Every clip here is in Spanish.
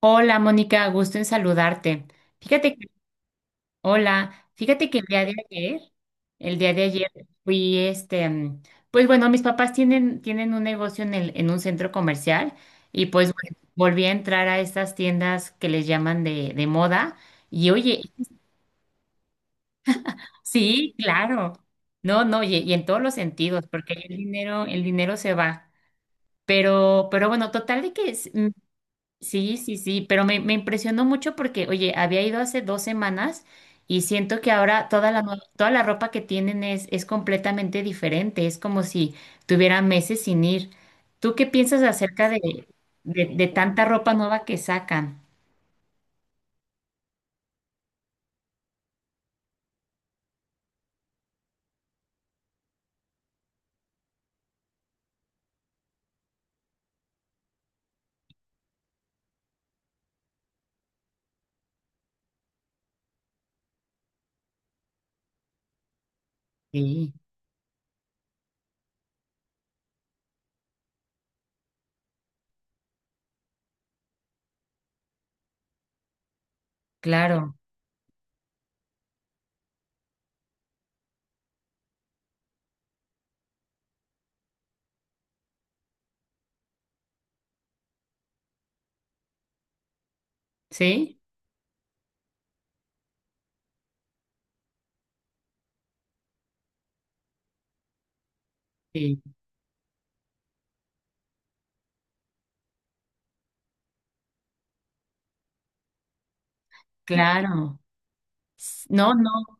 Hola, Mónica, gusto en saludarte. Fíjate que, hola, fíjate que el día de ayer fui este, pues bueno, mis papás tienen un negocio en un centro comercial y pues bueno, volví a entrar a estas tiendas que les llaman de moda y oye, sí, claro, no, no, y en todos los sentidos, porque el dinero se va. Pero bueno, total de que. Sí, sí, sí, pero me impresionó mucho porque, oye, había ido hace 2 semanas y siento que ahora toda la ropa que tienen es completamente diferente, es como si tuviera meses sin ir. ¿Tú qué piensas acerca de tanta ropa nueva que sacan? Sí, claro, ¿sí? Sí, claro. No, no,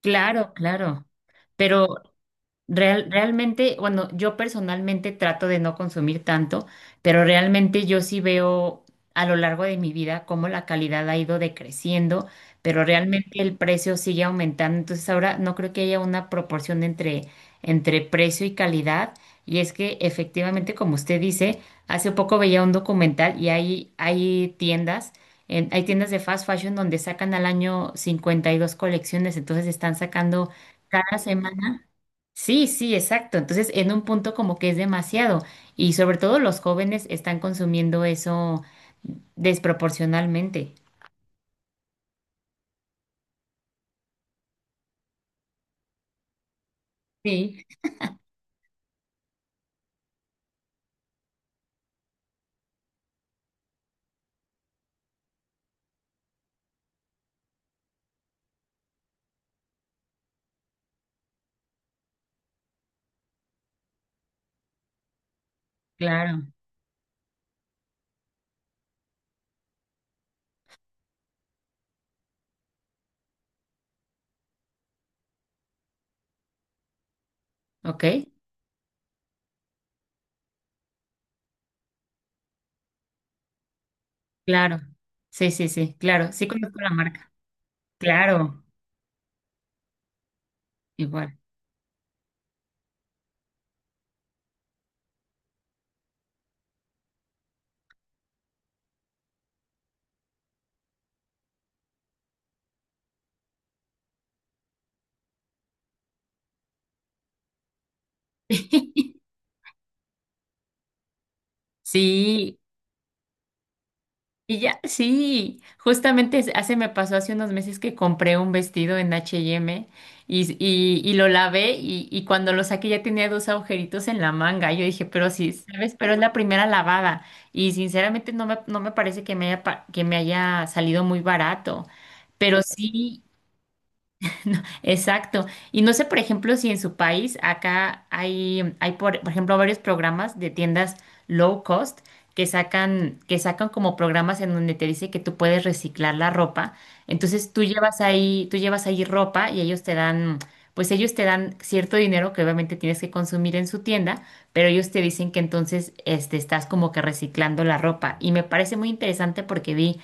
claro, claro. Pero realmente, bueno, yo personalmente trato de no consumir tanto, pero realmente yo sí veo a lo largo de mi vida cómo la calidad ha ido decreciendo, pero realmente el precio sigue aumentando. Entonces ahora no creo que haya una proporción entre, entre precio y calidad. Y es que efectivamente, como usted dice, hace poco veía un documental y hay tiendas, hay tiendas de fast fashion donde sacan al año 52 colecciones, entonces están sacando. Cada semana. Sí, sí, exacto. Entonces, en un punto como que es demasiado y sobre todo los jóvenes están consumiendo eso desproporcionalmente. Sí, claro, ok, claro. Sí, sí, sí, claro. Sí conozco la marca. Claro, igual. Sí, y ya, sí, justamente hace me pasó hace unos meses que compré un vestido en H&M y, y lo lavé y, cuando lo saqué ya tenía dos agujeritos en la manga. Yo dije, pero sí, ¿sabes? Pero es la primera lavada y sinceramente no me parece que me haya salido muy barato. Pero sí, exacto. Y no sé, por ejemplo, si en su país acá hay por ejemplo, varios programas de tiendas low cost que sacan como programas en donde te dice que tú puedes reciclar la ropa. Entonces tú llevas ahí ropa y pues ellos te dan cierto dinero que obviamente tienes que consumir en su tienda, pero ellos te dicen que entonces estás como que reciclando la ropa. Y me parece muy interesante porque vi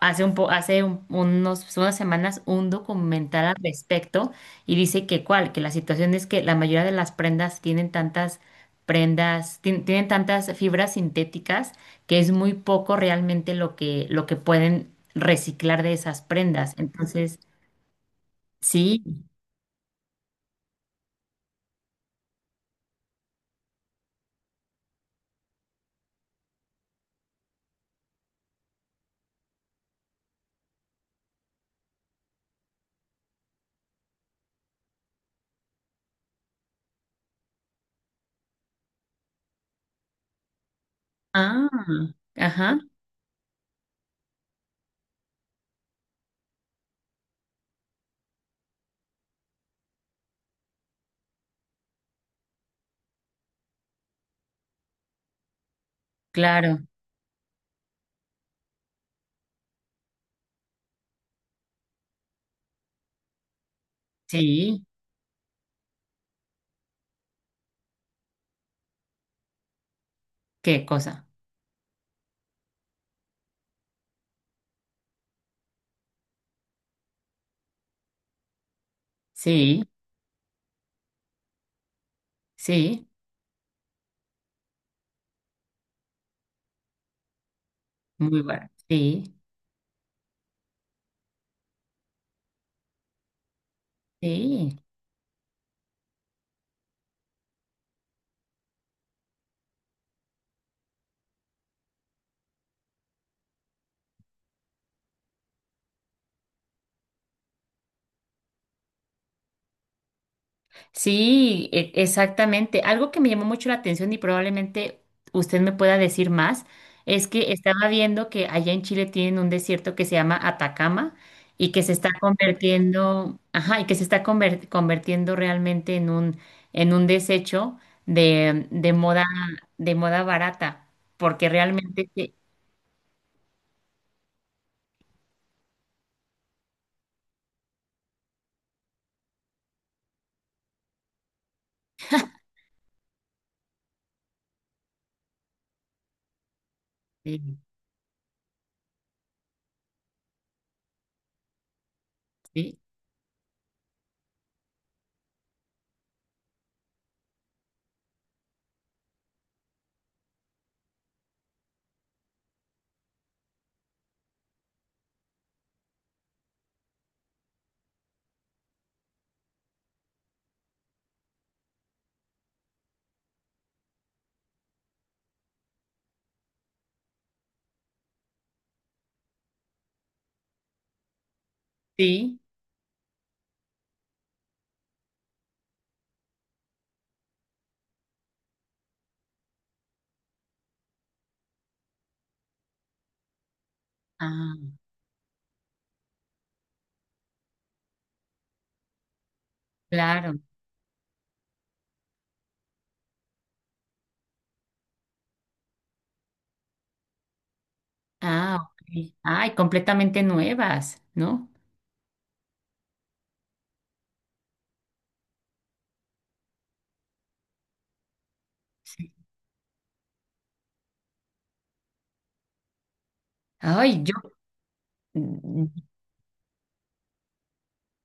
hace un po- hace un- unos, unas semanas un documental al respecto y dice que cuál, que la situación es que la mayoría de las prendas tienen tantas prendas, tienen tantas fibras sintéticas que es muy poco realmente lo que pueden reciclar de esas prendas. Entonces, sí. Ah, ajá, claro. Sí, qué cosa. Sí, sí, muy bueno. Sí, sí. Sí, exactamente. Algo que me llamó mucho la atención y probablemente usted me pueda decir más es que estaba viendo que allá en Chile tienen un desierto que se llama Atacama y que se está convirtiendo, ajá, y que se está convirtiendo realmente en un desecho de, de moda de moda barata, porque realmente sí, sí, sí, sí, ah, claro. Ah, ok. Ay, completamente nuevas, ¿no? Sí. Ay, yo. Mm,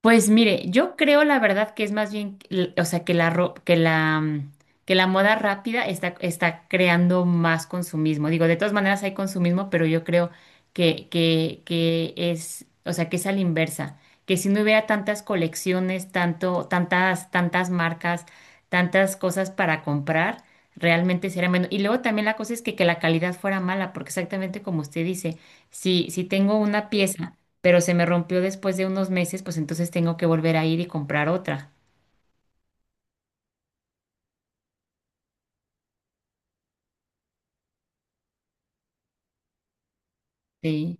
Pues mire, yo creo la verdad que es más bien, o sea, que la, ro- que la, mm, que la moda rápida está creando más consumismo. Digo, de todas maneras hay consumismo, pero yo creo que es, o sea, que es a la inversa. Que si no hubiera tantas colecciones, tantas marcas, tantas cosas para comprar, realmente sería menos. Y luego también la cosa es que la calidad fuera mala, porque exactamente como usted dice, si tengo una pieza pero se me rompió después de unos meses, pues entonces tengo que volver a ir y comprar otra. Sí,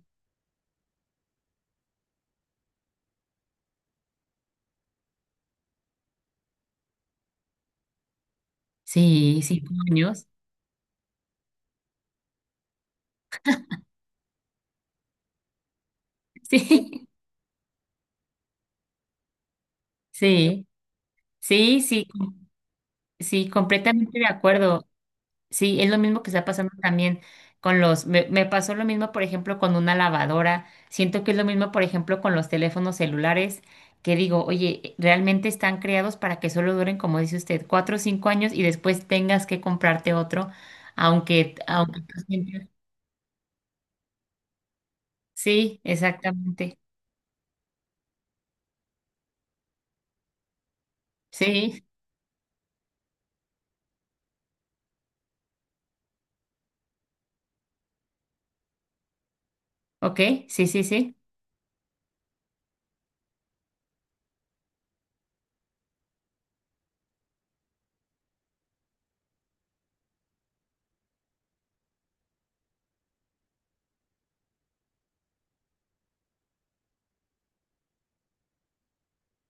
sí, 5 años. Sí, sí, sí, sí, sí, completamente de acuerdo. Sí, es lo mismo que está pasando también me pasó lo mismo, por ejemplo, con una lavadora. Siento que es lo mismo, por ejemplo, con los teléfonos celulares, que digo, oye, realmente están creados para que solo duren, como dice usted, 4 o 5 años y después tengas que comprarte otro, aunque tú sientas. Sí, exactamente. Sí, ok, sí, sí, sí,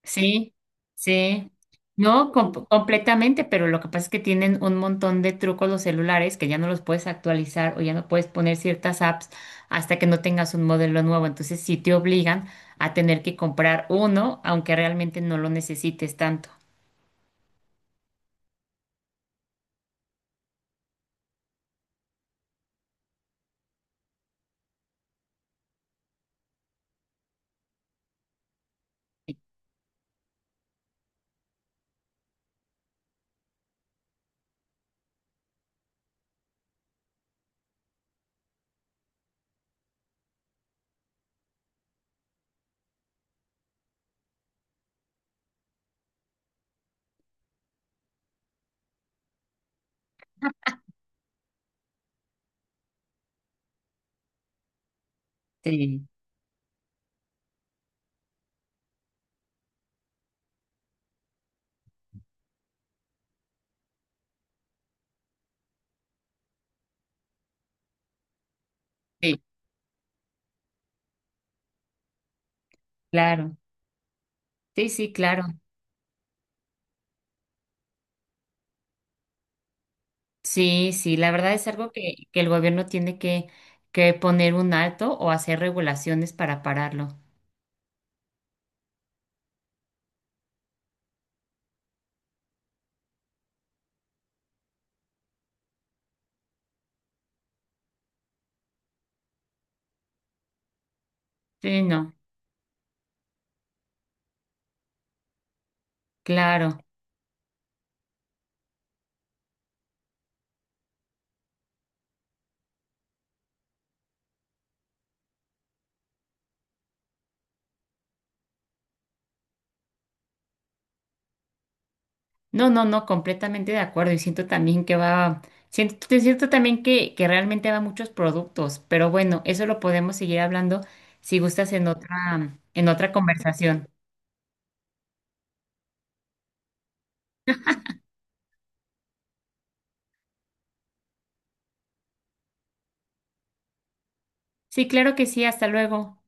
sí, sí. No, completamente, pero lo que pasa es que tienen un montón de trucos los celulares que ya no los puedes actualizar o ya no puedes poner ciertas apps hasta que no tengas un modelo nuevo. Entonces sí te obligan a tener que comprar uno, aunque realmente no lo necesites tanto. Sí, sí, claro. Sí, sí, claro. Sí, sí, la verdad es algo que el gobierno tiene que poner un alto o hacer regulaciones para pararlo. Sí, no, claro. No, no, no, completamente de acuerdo. Y siento también que va, te siento también que realmente va a muchos productos, pero bueno, eso lo podemos seguir hablando si gustas en otra conversación. Sí, claro que sí, hasta luego.